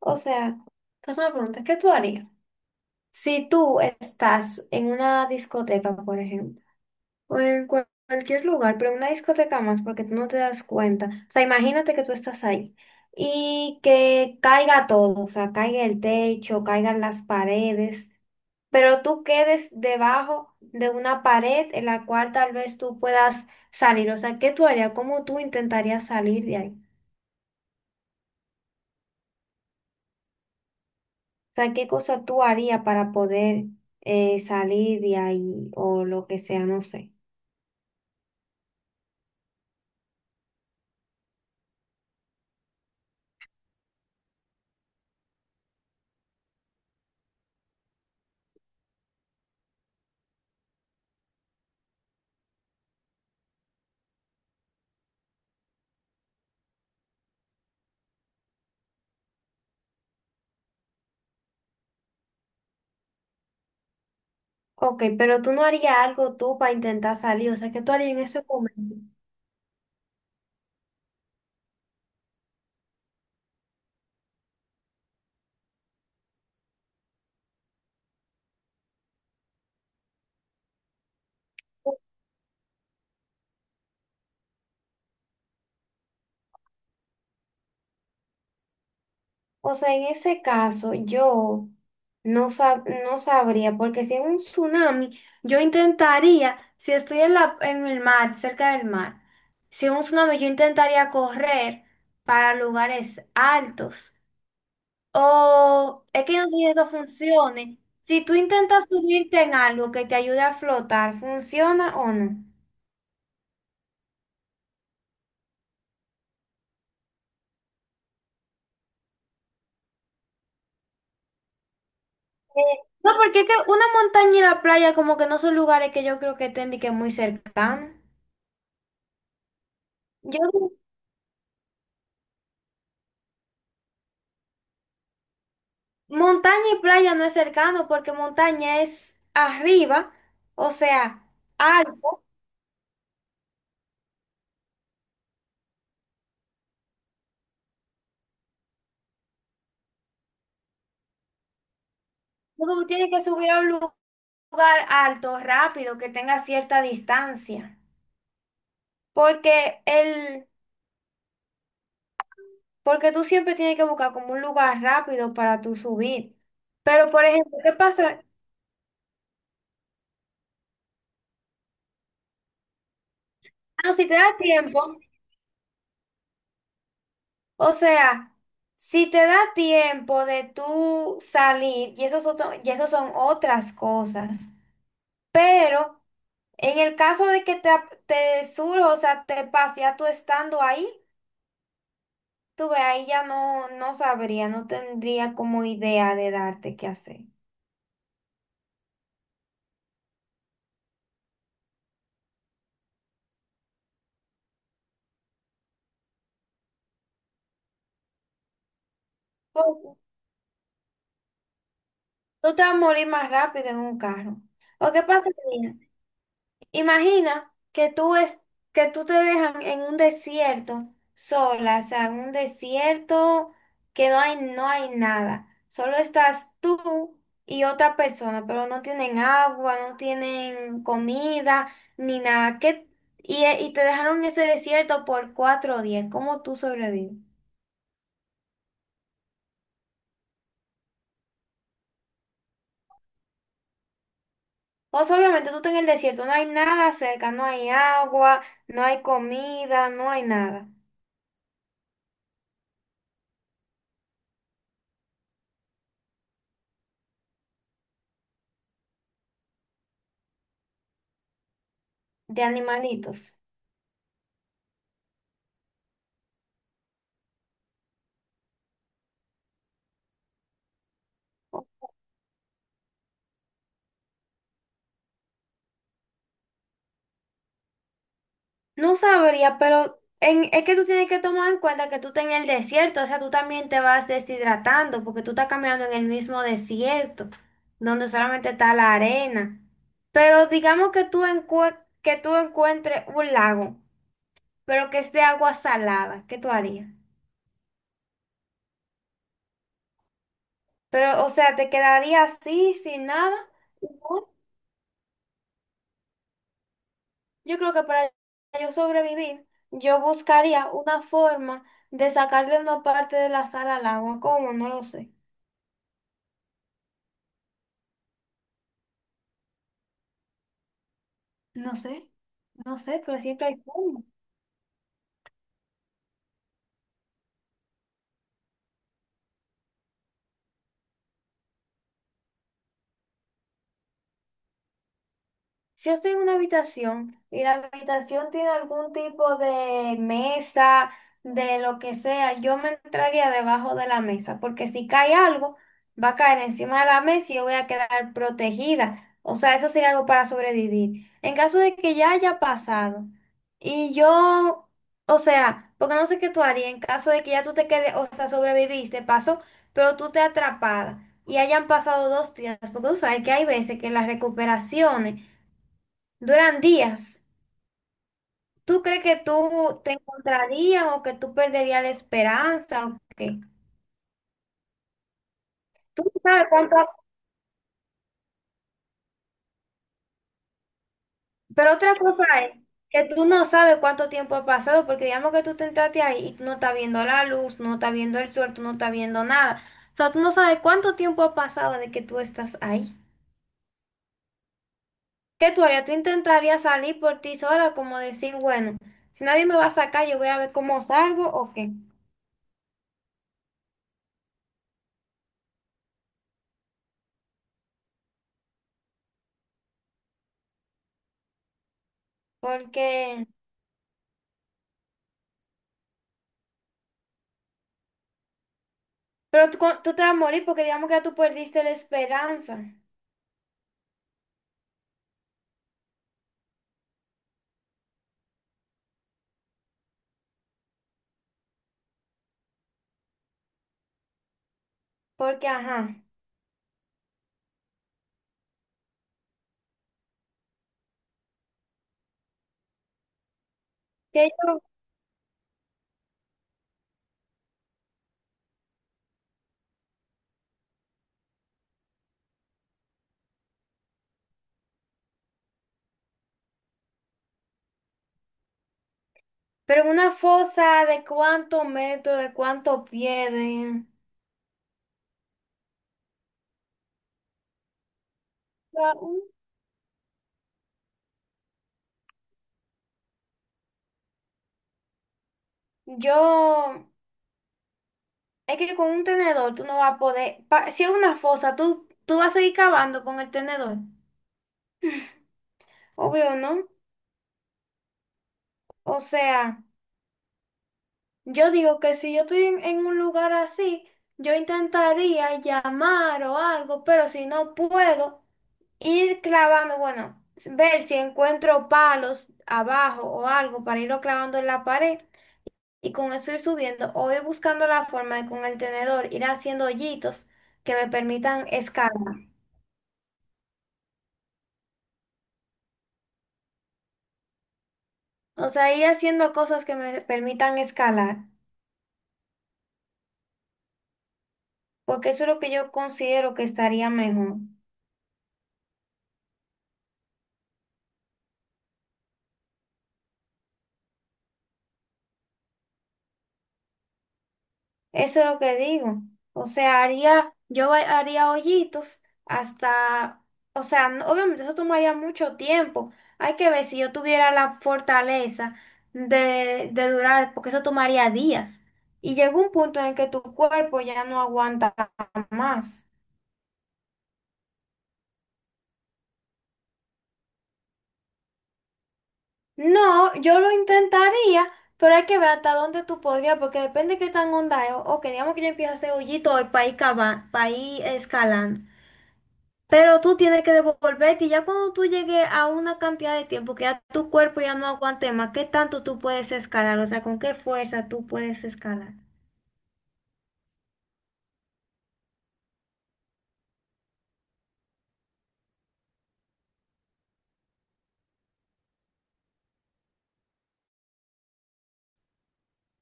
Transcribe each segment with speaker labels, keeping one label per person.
Speaker 1: O sea, entonces me pregunta, ¿qué tú harías? Si tú estás en una discoteca, por ejemplo, o cualquier lugar, pero en una discoteca más, porque tú no te das cuenta. O sea, imagínate que tú estás ahí y que caiga todo, o sea, caiga el techo, caigan las paredes, pero tú quedes debajo de una pared en la cual tal vez tú puedas salir. O sea, ¿qué tú harías? ¿Cómo tú intentarías salir de ahí? Sea, ¿qué cosa tú harías para poder salir de ahí o lo que sea, ¿no sé? Ok, pero tú no harías algo tú para intentar salir, o sea, ¿qué tú harías en ese momento? O sea, en ese caso, yo no sabría, porque si en un tsunami, yo intentaría, si estoy en el mar, cerca del mar, si en un tsunami, yo intentaría correr para lugares altos. O es que no sé si eso funcione. Si tú intentas subirte en algo que te ayude a flotar, ¿funciona o no? Eh, No, porque es que una montaña y la playa como que no son lugares que yo creo que estén de que muy cercanos. Yo, montaña y playa no es cercano porque montaña es arriba, o sea, alto. Uno tiene que subir a lugar alto, rápido, que tenga cierta distancia. Porque el, porque tú siempre tienes que buscar como un lugar rápido para tú subir. Pero, por ejemplo, ¿qué pasa? Ah, no, si te da tiempo, o sea, si te da tiempo de tú salir, y eso son otras cosas. Pero en el caso de que te surja, o sea, te pase ya tú estando ahí, tú ve, ahí ya no, no sabría, no tendría como idea de darte qué hacer. Tú tú te vas a morir más rápido en un carro. ¿O qué pasa? Imagina que que tú te dejan en un desierto sola, o sea, en un desierto que no hay, no hay nada. Solo estás tú y otra persona, pero no tienen agua, no tienen comida, ni nada. Y, y te dejaron en ese desierto por 4 días. ¿Cómo tú sobrevives? O sea, obviamente tú estás en el desierto, no hay nada cerca, no hay agua, no hay comida, no hay nada de animalitos. No sabría, pero es que tú tienes que tomar en cuenta que tú estás en el desierto, o sea, tú también te vas deshidratando porque tú estás caminando en el mismo desierto, donde solamente está la arena. Pero digamos que que tú encuentres un lago, pero que es de agua salada, ¿qué tú harías? Pero, o sea, te quedaría así, sin nada. Igual, yo creo que para yo sobrevivir, yo buscaría una forma de sacarle una parte de la sal al agua, ¿cómo? No lo sé. No sé, no sé, pero siempre hay forma. Si yo estoy en una habitación y la habitación tiene algún tipo de mesa, de lo que sea, yo me entraría debajo de la mesa, porque si cae algo, va a caer encima de la mesa y yo voy a quedar protegida. O sea, eso sería algo para sobrevivir. En caso de que ya haya pasado y yo, o sea, porque no sé qué tú harías en caso de que ya tú te quedes, o sea, sobreviviste, pasó, pero tú te atrapada y hayan pasado 2 días, porque tú sabes que hay veces que las recuperaciones duran días. ¿Tú crees que tú te encontrarías o que tú perderías la esperanza o qué? Tú no sabes cuánto, pero otra cosa es que tú no sabes cuánto tiempo ha pasado, porque digamos que tú te entraste ahí y tú no estás viendo la luz, no estás viendo el sol, tú no estás viendo nada. O sea, tú no sabes cuánto tiempo ha pasado de que tú estás ahí. ¿Qué tú harías? Tú intentarías salir por ti sola, como decir, bueno, si nadie me va a sacar, yo voy a ver cómo salgo o qué. Porque pero tú, tú te vas a morir porque digamos que ya tú perdiste la esperanza. Porque, ajá. Que yo, pero en una fosa de cuántos metros, de cuántos pies, de... Yo, es que con un tenedor tú no vas a poder, si es una fosa, tú vas a seguir cavando con el tenedor. Obvio, ¿no? O sea, yo digo que si yo estoy en un lugar así, yo intentaría llamar o algo, pero si no puedo, ir clavando, bueno, ver si encuentro palos abajo o algo para irlo clavando en la pared y con eso ir subiendo o ir buscando la forma de con el tenedor ir haciendo hoyitos que me permitan escalar. O sea, ir haciendo cosas que me permitan escalar, porque eso es lo que yo considero que estaría mejor. Eso es lo que digo. O sea, haría, haría hoyitos hasta, o sea, no, obviamente eso tomaría mucho tiempo. Hay que ver si yo tuviera la fortaleza de durar, porque eso tomaría días. Y llega un punto en el que tu cuerpo ya no aguanta más. No, yo lo intentaría, pero hay que ver hasta dónde tú podrías, porque depende de qué tan onda es. O que digamos que yo empiezo a hacer hoyitos para ir, para ir escalando. Pero tú tienes que devolverte y ya cuando tú llegues a una cantidad de tiempo que ya tu cuerpo ya no aguante más, ¿qué tanto tú puedes escalar? O sea, ¿con qué fuerza tú puedes escalar?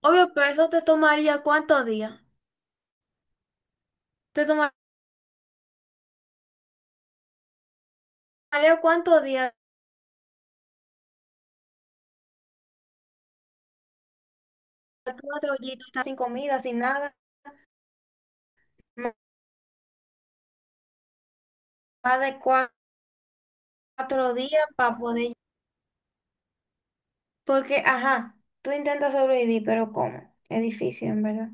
Speaker 1: Obvio, pero eso te tomaría cuántos días. Te tomaría cuántos días. Tú haces hoyito, estás sin comida, sin nada, m- más de 4 días para poder... Porque, ajá, tú intentas sobrevivir, pero ¿cómo? Es difícil, en verdad.